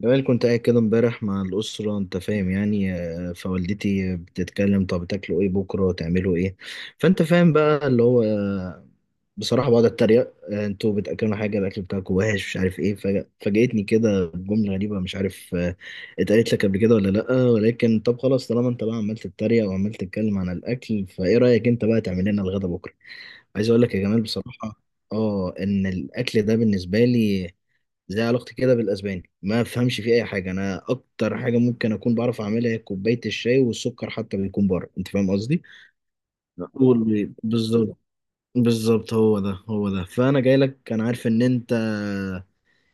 جمال، كنت قاعد كده امبارح مع الأسرة، أنت فاهم؟ يعني فوالدتي بتتكلم، طب تاكلوا إيه بكرة؟ تعملوا إيه؟ فأنت فاهم بقى، اللي هو بصراحة بقعد أتريق. أنتوا بتأكلوا حاجة، الأكل بتاعكم وحش مش عارف إيه. فاجأتني كده بجملة غريبة، مش عارف. اتقالت لك قبل كده ولا لأ؟ ولكن طب خلاص، طالما أنت بقى عمال تتريق وعمال تتكلم عن الأكل، فإيه رأيك أنت بقى تعمل لنا الغدا بكرة؟ عايز أقول لك يا جمال بصراحة، إن الأكل ده بالنسبة لي زي علاقتي كده بالاسباني، ما افهمش فيه اي حاجه. انا اكتر حاجه ممكن اكون بعرف اعملها هي كوبايه الشاي، والسكر حتى بيكون بره. انت فاهم قصدي؟ لا. قول بالظبط. بالظبط، هو ده هو ده، فانا جاي لك، انا عارف ان انت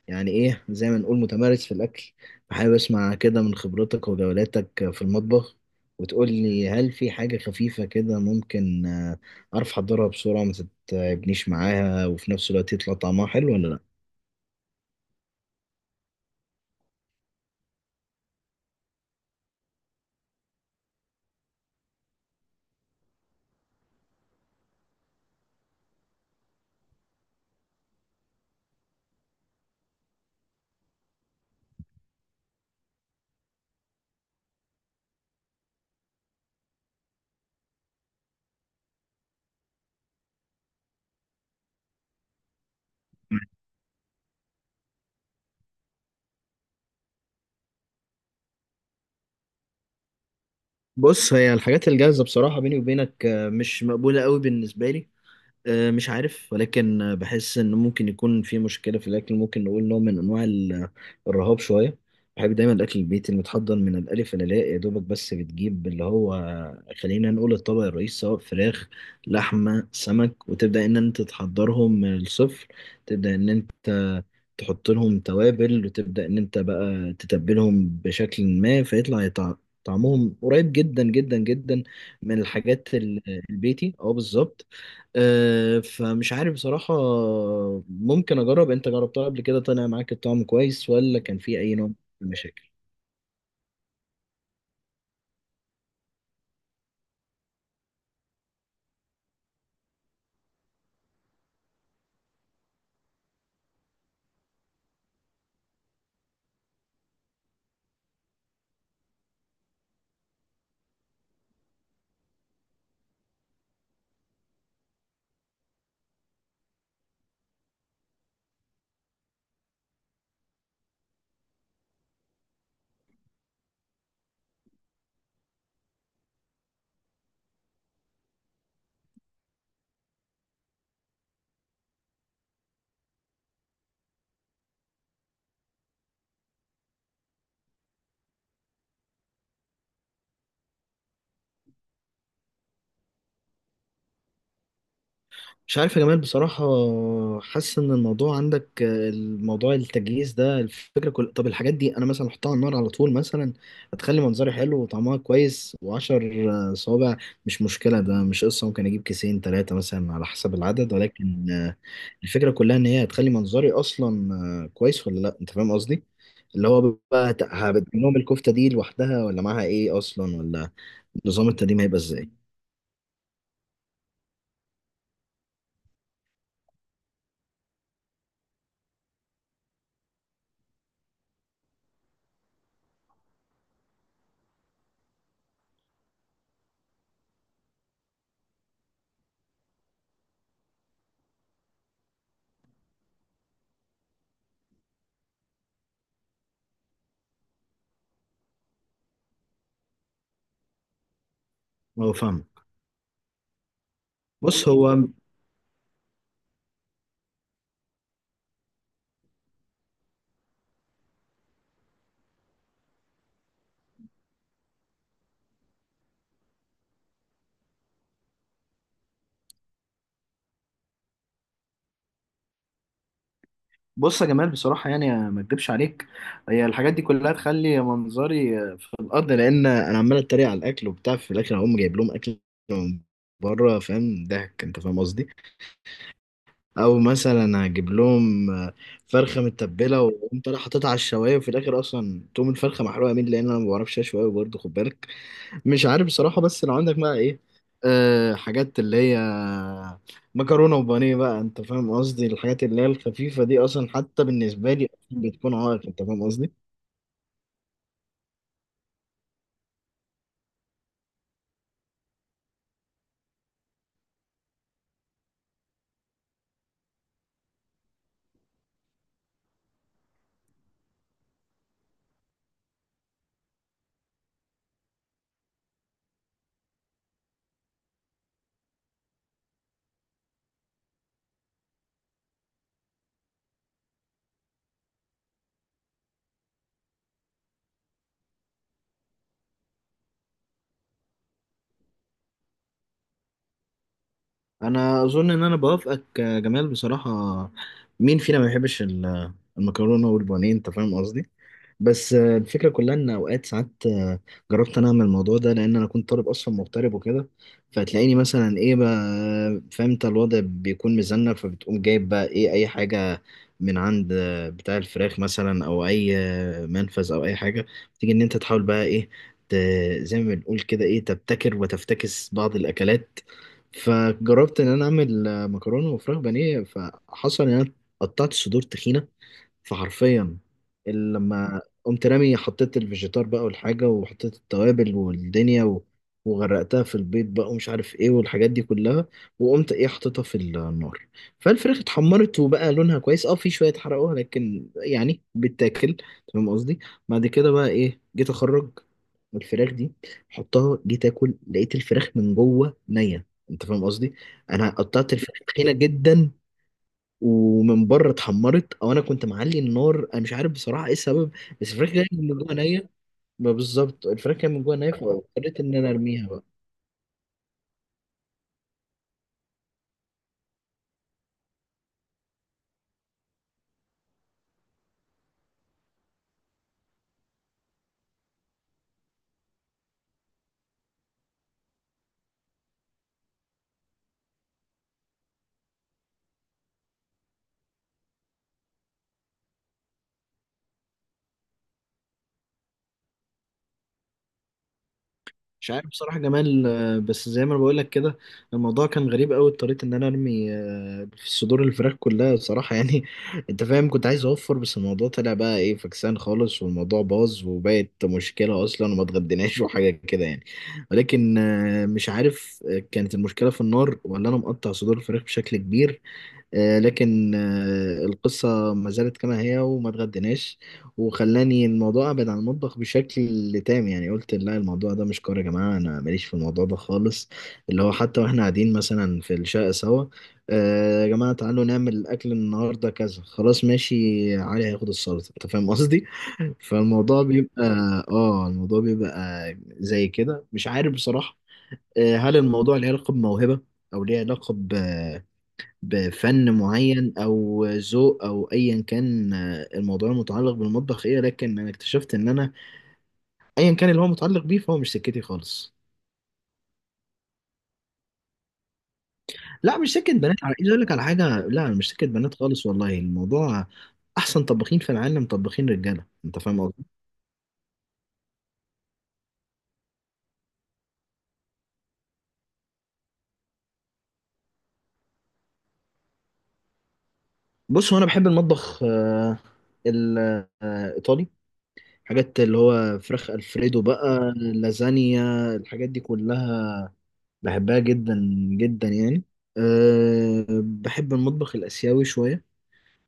يعني ايه، زي ما نقول، متمارس في الاكل. فحابب اسمع كده من خبرتك وجولاتك في المطبخ، وتقول لي هل في حاجه خفيفه كده ممكن اعرف احضرها بسرعه ما تتعبنيش معاها، وفي نفس الوقت يطلع طعمها حلو ولا لا؟ بص، هي الحاجات الجاهزة بصراحة بيني وبينك مش مقبولة قوي بالنسبة لي. مش عارف، ولكن بحس ان ممكن يكون في مشكله في الاكل، ممكن نقول نوع من انواع الرهاب شويه. بحب دايما الاكل البيتي المتحضر من الالف للياء، يا دوبك بس بتجيب اللي هو، خلينا نقول الطبق الرئيسي، سواء فراخ لحمه سمك، وتبدا ان انت تحضرهم من الصفر. تبدا ان انت تحط لهم توابل، وتبدا ان انت بقى تتبلهم بشكل ما، فيطلع طعمهم قريب جدا جدا جدا من الحاجات البيتي. اه بالظبط. فمش عارف بصراحة. ممكن أجرب، أنت جربتها قبل كده؟ طلع معاك الطعم كويس ولا كان فيه أي نوع من المشاكل؟ مش عارف يا جمال بصراحة، حاسس إن الموضوع عندك، الموضوع التجهيز ده الفكرة كل. طب الحاجات دي أنا مثلا أحطها على النار على طول مثلا، هتخلي منظري حلو وطعمها كويس. وعشر صوابع مش مشكلة، ده مش قصة، ممكن أجيب كيسين تلاتة مثلا على حسب العدد. ولكن الفكرة كلها إن هي هتخلي منظري أصلا كويس ولا لأ؟ أنت فاهم قصدي؟ اللي هو بقى، هبدل لهم الكفتة دي لوحدها ولا معاها إيه أصلا؟ ولا نظام التقديم هيبقى إزاي؟ هو فاهم. بص هو، بص يا جمال بصراحة، يعني ما اكدبش عليك، هي الحاجات دي كلها تخلي منظري في الأرض، لأن أنا عمال أتريق على الأكل وبتاع، في الآخر هقوم جايب لهم أكل من بره. فاهم ضحك؟ أنت فاهم قصدي؟ أو مثلا هجيب لهم فرخة متبلة، وأقوم طالع حاططها على الشواية، وفي الآخر أصلا تقوم الفرخة محروقة. مين؟ لأن أنا ما بعرفش أشوي أوي برضه، خد بالك. مش عارف بصراحة. بس لو عندك بقى ايه، أه حاجات اللي هي مكرونة وبانيه بقى، انت فاهم قصدي، الحاجات اللي هي الخفيفة دي اصلا حتى بالنسبة لي أصلاً بتكون عائق. انت فاهم قصدي؟ انا اظن ان انا بوافقك يا جمال بصراحة. مين فينا ما يحبش المكرونة والبانيه؟ انت فاهم قصدي. بس الفكرة كلها إن أوقات ساعات، جربت أنا أعمل الموضوع ده لأن أنا كنت طالب أصلا مغترب وكده، فتلاقيني مثلا إيه بقى، فاهم أنت، الوضع بيكون مزنة، فبتقوم جايب بقى إيه أي حاجة من عند بتاع الفراخ مثلا، أو أي منفذ أو أي حاجة، تيجي إن أنت تحاول بقى إيه، ت- زي ما بنقول كده إيه، تبتكر وتفتكس بعض الأكلات. فجربت إن أنا أعمل مكرونة وفراخ بانيه. فحصل إن أنا قطعت صدور تخينة، فحرفيا لما قمت رامي حطيت الفيجيتار بقى والحاجة، وحطيت التوابل والدنيا وغرقتها في البيض بقى، ومش عارف ايه، والحاجات دي كلها. وقمت ايه، حطيتها في النار. فالفراخ اتحمرت وبقى لونها كويس. اه في شوية اتحرقوها لكن يعني بتاكل، فاهم قصدي؟ بعد كده بقى ايه، جيت اخرج الفراخ دي، حطها، جيت اكل، لقيت الفراخ من جوه نية. انت فاهم قصدي؟ انا قطعت الفراخ تخينة جدا، ومن بره اتحمرت، او انا كنت معلي النار، انا مش عارف بصراحه ايه السبب. بس الفراخ كانت من جوه نيه. ما بالظبط الفراخ كانت من جوه نيه، فاضطريت ان انا ارميها بقى. مش عارف بصراحه جمال، بس زي ما انا بقول لك كده، الموضوع كان غريب قوي، اضطريت ان انا ارمي في صدور الفراخ كلها بصراحه يعني انت فاهم، كنت عايز اوفر، بس الموضوع طلع بقى ايه فكسان خالص، والموضوع باظ وبقت مشكله اصلا وما اتغديناش وحاجه كده يعني. ولكن مش عارف، كانت المشكله في النار، ولا انا مقطع صدور الفراخ بشكل كبير؟ لكن القصة ما زالت كما هي، وما اتغديناش. وخلاني الموضوع أبعد عن المطبخ بشكل تام. يعني قلت لا، الموضوع ده مش كورة يا جماعة، أنا ماليش في الموضوع ده خالص. اللي هو حتى وإحنا قاعدين مثلا في الشقة سوا، يا جماعة تعالوا نعمل أكل النهاردة كذا، خلاص ماشي، علي هياخد السلطة، أنت فاهم قصدي؟ فالموضوع بيبقى آه الموضوع بيبقى زي كده، مش عارف بصراحة. هل الموضوع ليه علاقة بموهبة، أو ليه علاقة بفن معين، او ذوق، او ايا كان الموضوع المتعلق بالمطبخ ايه؟ لكن انا اكتشفت ان انا، ايا كان اللي هو متعلق بيه، فهو مش سكتي خالص. لا مش سكت بنات، على عايز اقول لك على حاجه، لا مش سكت بنات خالص والله الموضوع. احسن طباخين في العالم طباخين رجاله، انت فاهم قصدي. بص هو انا بحب المطبخ، الايطالي. حاجات اللي هو فراخ الفريدو بقى، لازانيا، الحاجات دي كلها بحبها جدا جدا، يعني. أه بحب المطبخ الآسيوي شوية.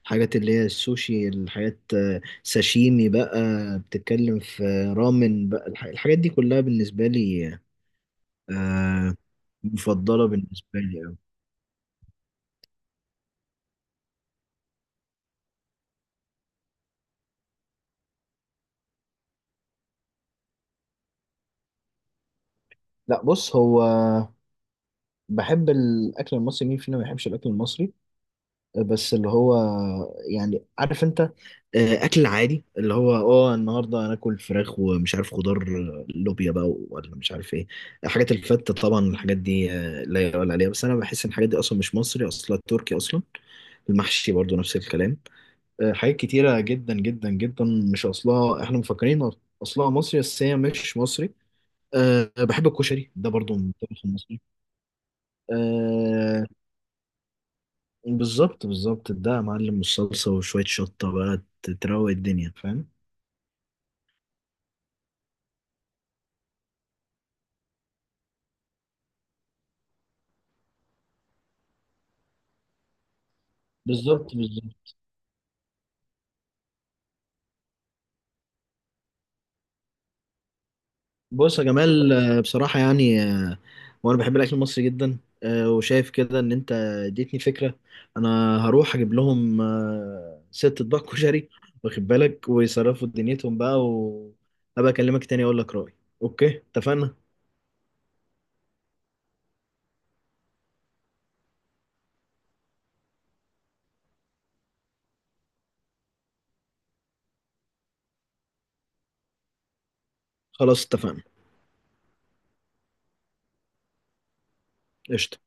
الحاجات اللي هي السوشي، الحاجات ساشيمي بقى، بتتكلم في رامن بقى، الحاجات دي كلها بالنسبة لي، أه مفضلة بالنسبة لي أوي. لا، بص هو بحب الأكل المصري. مين فينا ما بيحبش الأكل المصري؟ بس اللي هو يعني، عارف انت، اكل عادي اللي هو اه، النهارده هناكل فراخ ومش عارف خضار، لوبيا بقى ولا مش عارف ايه. حاجات الفتة طبعا، الحاجات دي لا يقال عليها، بس انا بحس ان الحاجات دي اصلا مش مصري، اصلا تركي اصلا. المحشي برضو نفس الكلام. حاجات كتيرة جدا جدا جدا مش اصلها احنا مفكرين اصلها مصري، بس هي مش مصري. أه بحب الكشري، ده برضو من الطبخ المصري. آه، بالظبط بالظبط، ده يا معلم الصلصة وشوية شطة بقى تروق الدنيا، فاهم. بالظبط بالظبط. بص يا جمال، بصراحة يعني، وأنا بحب الأكل المصري جدا. وشايف كده إن أنت اديتني فكرة، أنا هروح أجيب لهم ست أطباق كشري، واخد بالك، ويصرفوا دنيتهم بقى، وأبقى أكلمك تاني أقول لك رأيي. أوكي اتفقنا، خلاص اتفقنا. قشطة.